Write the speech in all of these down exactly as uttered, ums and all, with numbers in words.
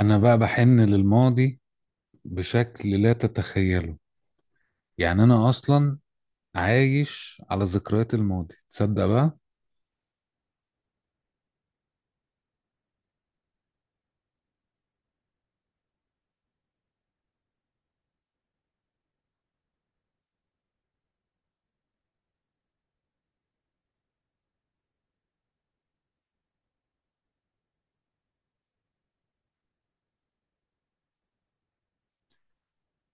انا بقى بحن للماضي بشكل لا تتخيله. يعني انا اصلا عايش على ذكريات الماضي، تصدق بقى؟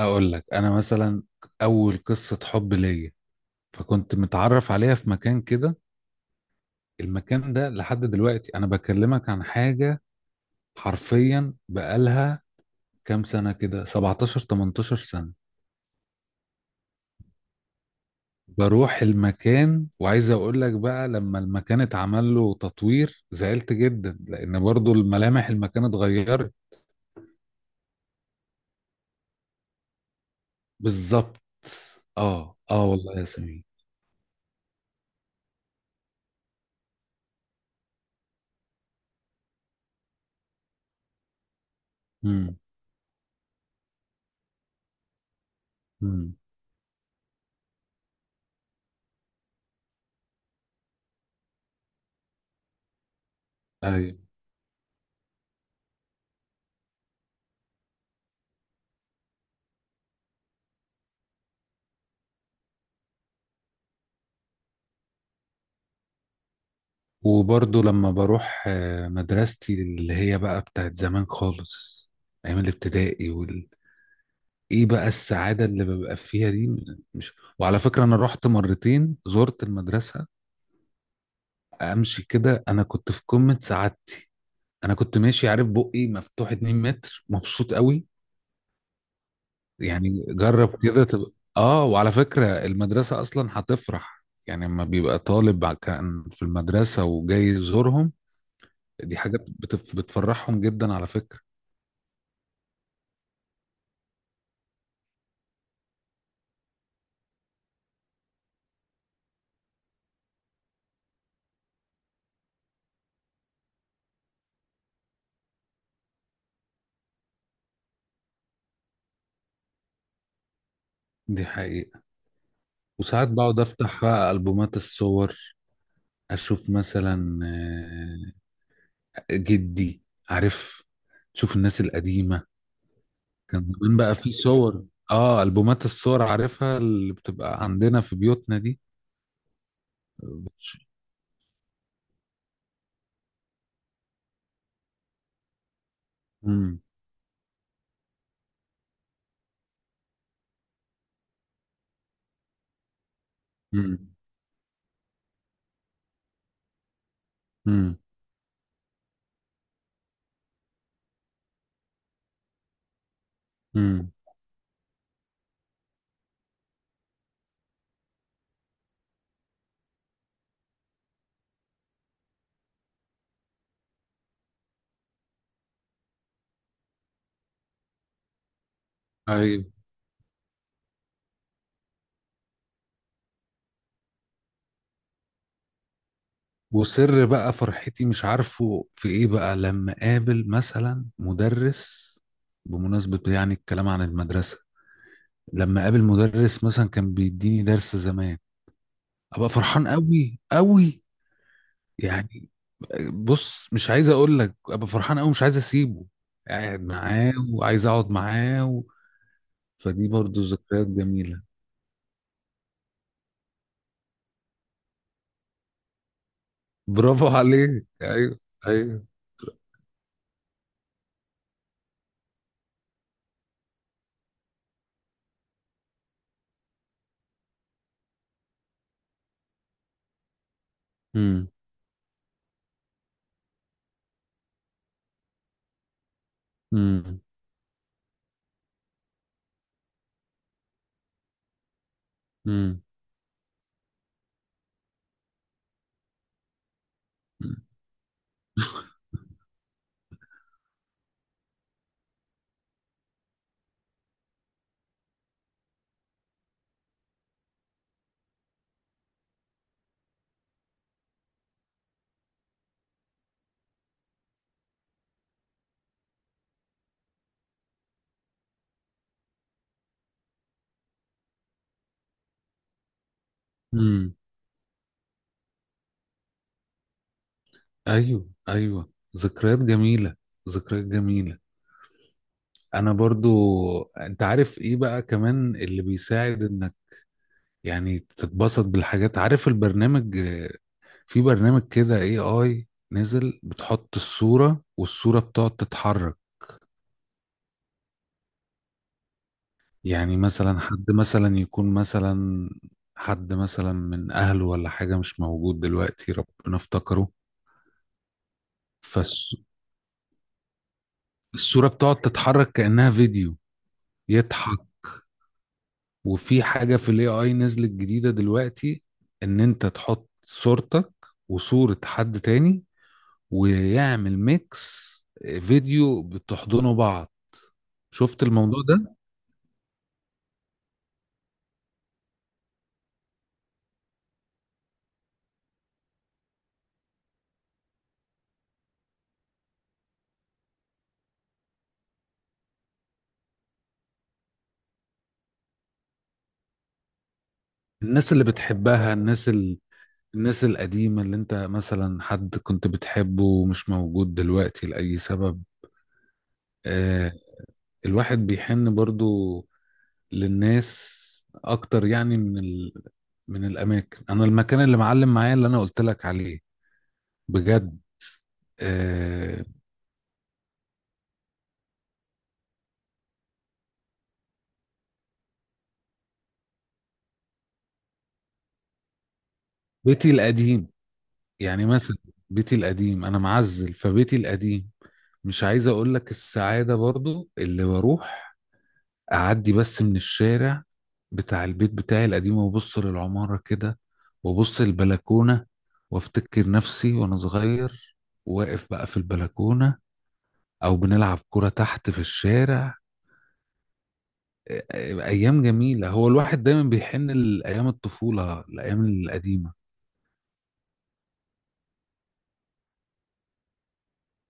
اقول لك، انا مثلا اول قصة حب ليا فكنت متعرف عليها في مكان كده. المكان ده لحد دلوقتي، انا بكلمك عن حاجة حرفيا بقالها كام سنة كده، سبعتاشر تمنتاشر سنة. بروح المكان وعايز اقول لك بقى لما المكان اتعمل له تطوير زعلت جدا، لان برضو الملامح المكان اتغيرت. بالظبط. اه اه والله يا سمير. امم. امم. ايوه. وبرضه لما بروح آه، مدرستي اللي هي بقى بتاعت زمان خالص، ايام الابتدائي وال... ايه بقى السعادة اللي ببقى فيها دي؟ مش، وعلى فكرة انا رحت مرتين، زرت المدرسة، امشي كده انا كنت في قمة سعادتي. انا كنت ماشي عارف بقي مفتوح اتنين متر، مبسوط قوي. يعني جرب كده تبقى. اه، وعلى فكرة المدرسة اصلا هتفرح، يعني لما بيبقى طالب ع- كان في المدرسة وجاي يزورهم. دي حاجة بتف... بتفرحهم جدا على فكرة. دي حقيقة. وساعات بقعد افتح بقى ألبومات الصور، اشوف مثلا آه، جدي، عارف، تشوف الناس القديمة، كان زمان بقى في صور. اه، ألبومات الصور عارفها اللي بتبقى عندنا في بيوتنا دي. بتش- مم. مم. مم. مم. ايوه. وسر بقى فرحتي مش عارفه في ايه بقى لما قابل مثلا مدرس، بمناسبة يعني الكلام عن المدرسة. لما قابل مدرس مثلا كان بيديني درس زمان، ابقى فرحان قوي قوي. يعني بص، مش عايز اقول لك، ابقى فرحان قوي، مش عايز اسيبه، قاعد معاه وعايز اقعد معاه و... فدي برضو ذكريات جميلة. برافو عليك، ايوه، ايوه. امم. امم. امم. ايوه، ايوه. ذكريات جميله. ذكريات جميله. انا برضو. انت عارف ايه بقى كمان اللي بيساعد انك يعني تتبسط بالحاجات؟ عارف البرنامج آه، في برنامج كده اي اي نزل، بتحط الصوره والصوره بتقعد تتحرك. يعني مثلا حد مثلا يكون مثلا حد مثلا من اهله ولا حاجه مش موجود دلوقتي، ربنا افتكره. فالصوره بتقعد تتحرك كانها فيديو. يضحك. وفي حاجة في الاي اي نزلت جديدة دلوقتي، ان انت تحط صورتك وصورة حد تاني ويعمل ميكس، فيديو بتحضنوا بعض. شفت الموضوع ده؟ الناس اللي بتحبها، الناس ال... الناس القديمة اللي انت مثلا حد كنت بتحبه ومش موجود دلوقتي لأي سبب. آه الواحد بيحن برضو للناس اكتر، يعني من ال... من الاماكن. انا المكان اللي معلم معايا اللي انا قلت لك عليه، بجد. آه، بيتي القديم. يعني مثلا بيتي القديم انا معزل فبيتي القديم. مش عايز اقول لك السعادة برضو اللي بروح اعدي بس من الشارع بتاع البيت بتاعي القديم وابص للعمارة كده، وابص البلكونة وافتكر نفسي وانا صغير واقف بقى في البلكونة، او بنلعب كرة تحت في الشارع. آه، آه، ايام جميلة، هو الواحد دايما بيحن لايام الطفولة، الايام القديمة.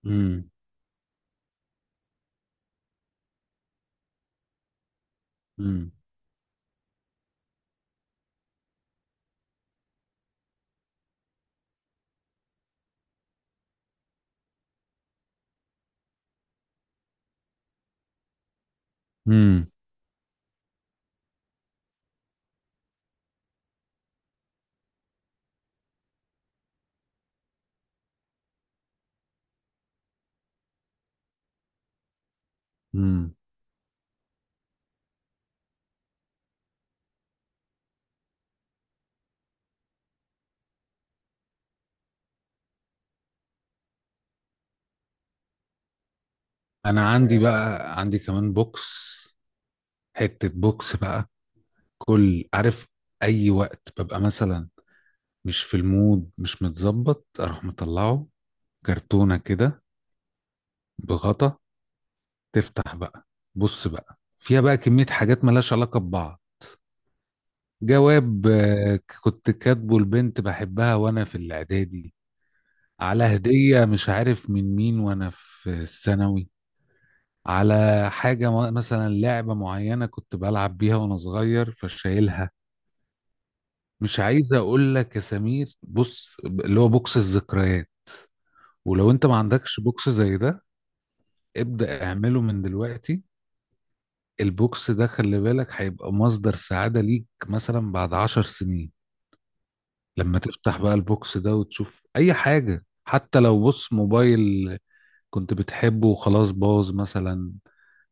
امم. امم. امم. انا عندي آه، بقى عندي كمان بوكس، حتة بوكس بقى. كل عارف اي وقت ببقى مثلا مش في المود، مش متظبط، اروح مطلعه كرتونة كده بغطا، تفتح بقى، بص بقى فيها بقى كمية حاجات ملهاش علاقة ببعض. جواب آه، كنت كاتبه لبنت بحبها وانا في الاعدادي. على هدية مش عارف من مين وانا في الثانوي. على حاجة م- مثلا لعبة معينة كنت بلعب بيها وأنا صغير فشايلها. مش عايز أقول لك يا سمير، بص ب- اللي هو بوكس الذكريات. ولو أنت ما عندكش بوكس زي ده، ابدأ اعمله من دلوقتي. البوكس ده خلي بالك هيبقى مصدر سعادة ليك مثلا بعد عشر سنين. لما تفتح بقى البوكس ده وتشوف أي حاجة، حتى لو بص موبايل كنت بتحبه وخلاص باظ مثلا،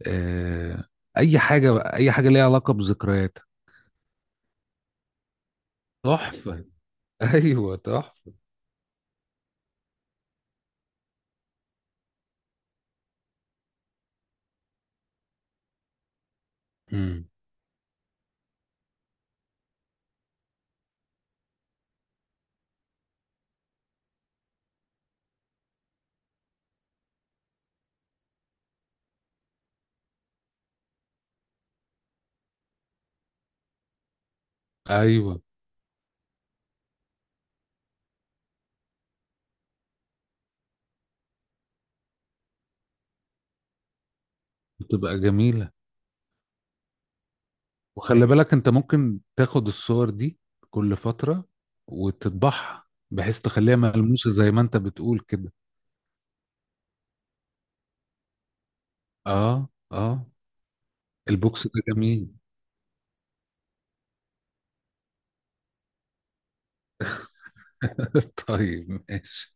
آه، أي حاجة بقى، أي حاجة ليها علاقة بذكرياتك. تحفة. ايوه تحفه. امم. ايوه. بتبقى جميله. وخلي بالك انت ممكن تاخد الصور دي كل فتره وتطبعها، بحيث تخليها ملموسه زي ما انت بتقول كده. اه، اه. البوكس ده جميل. طيب ماشي.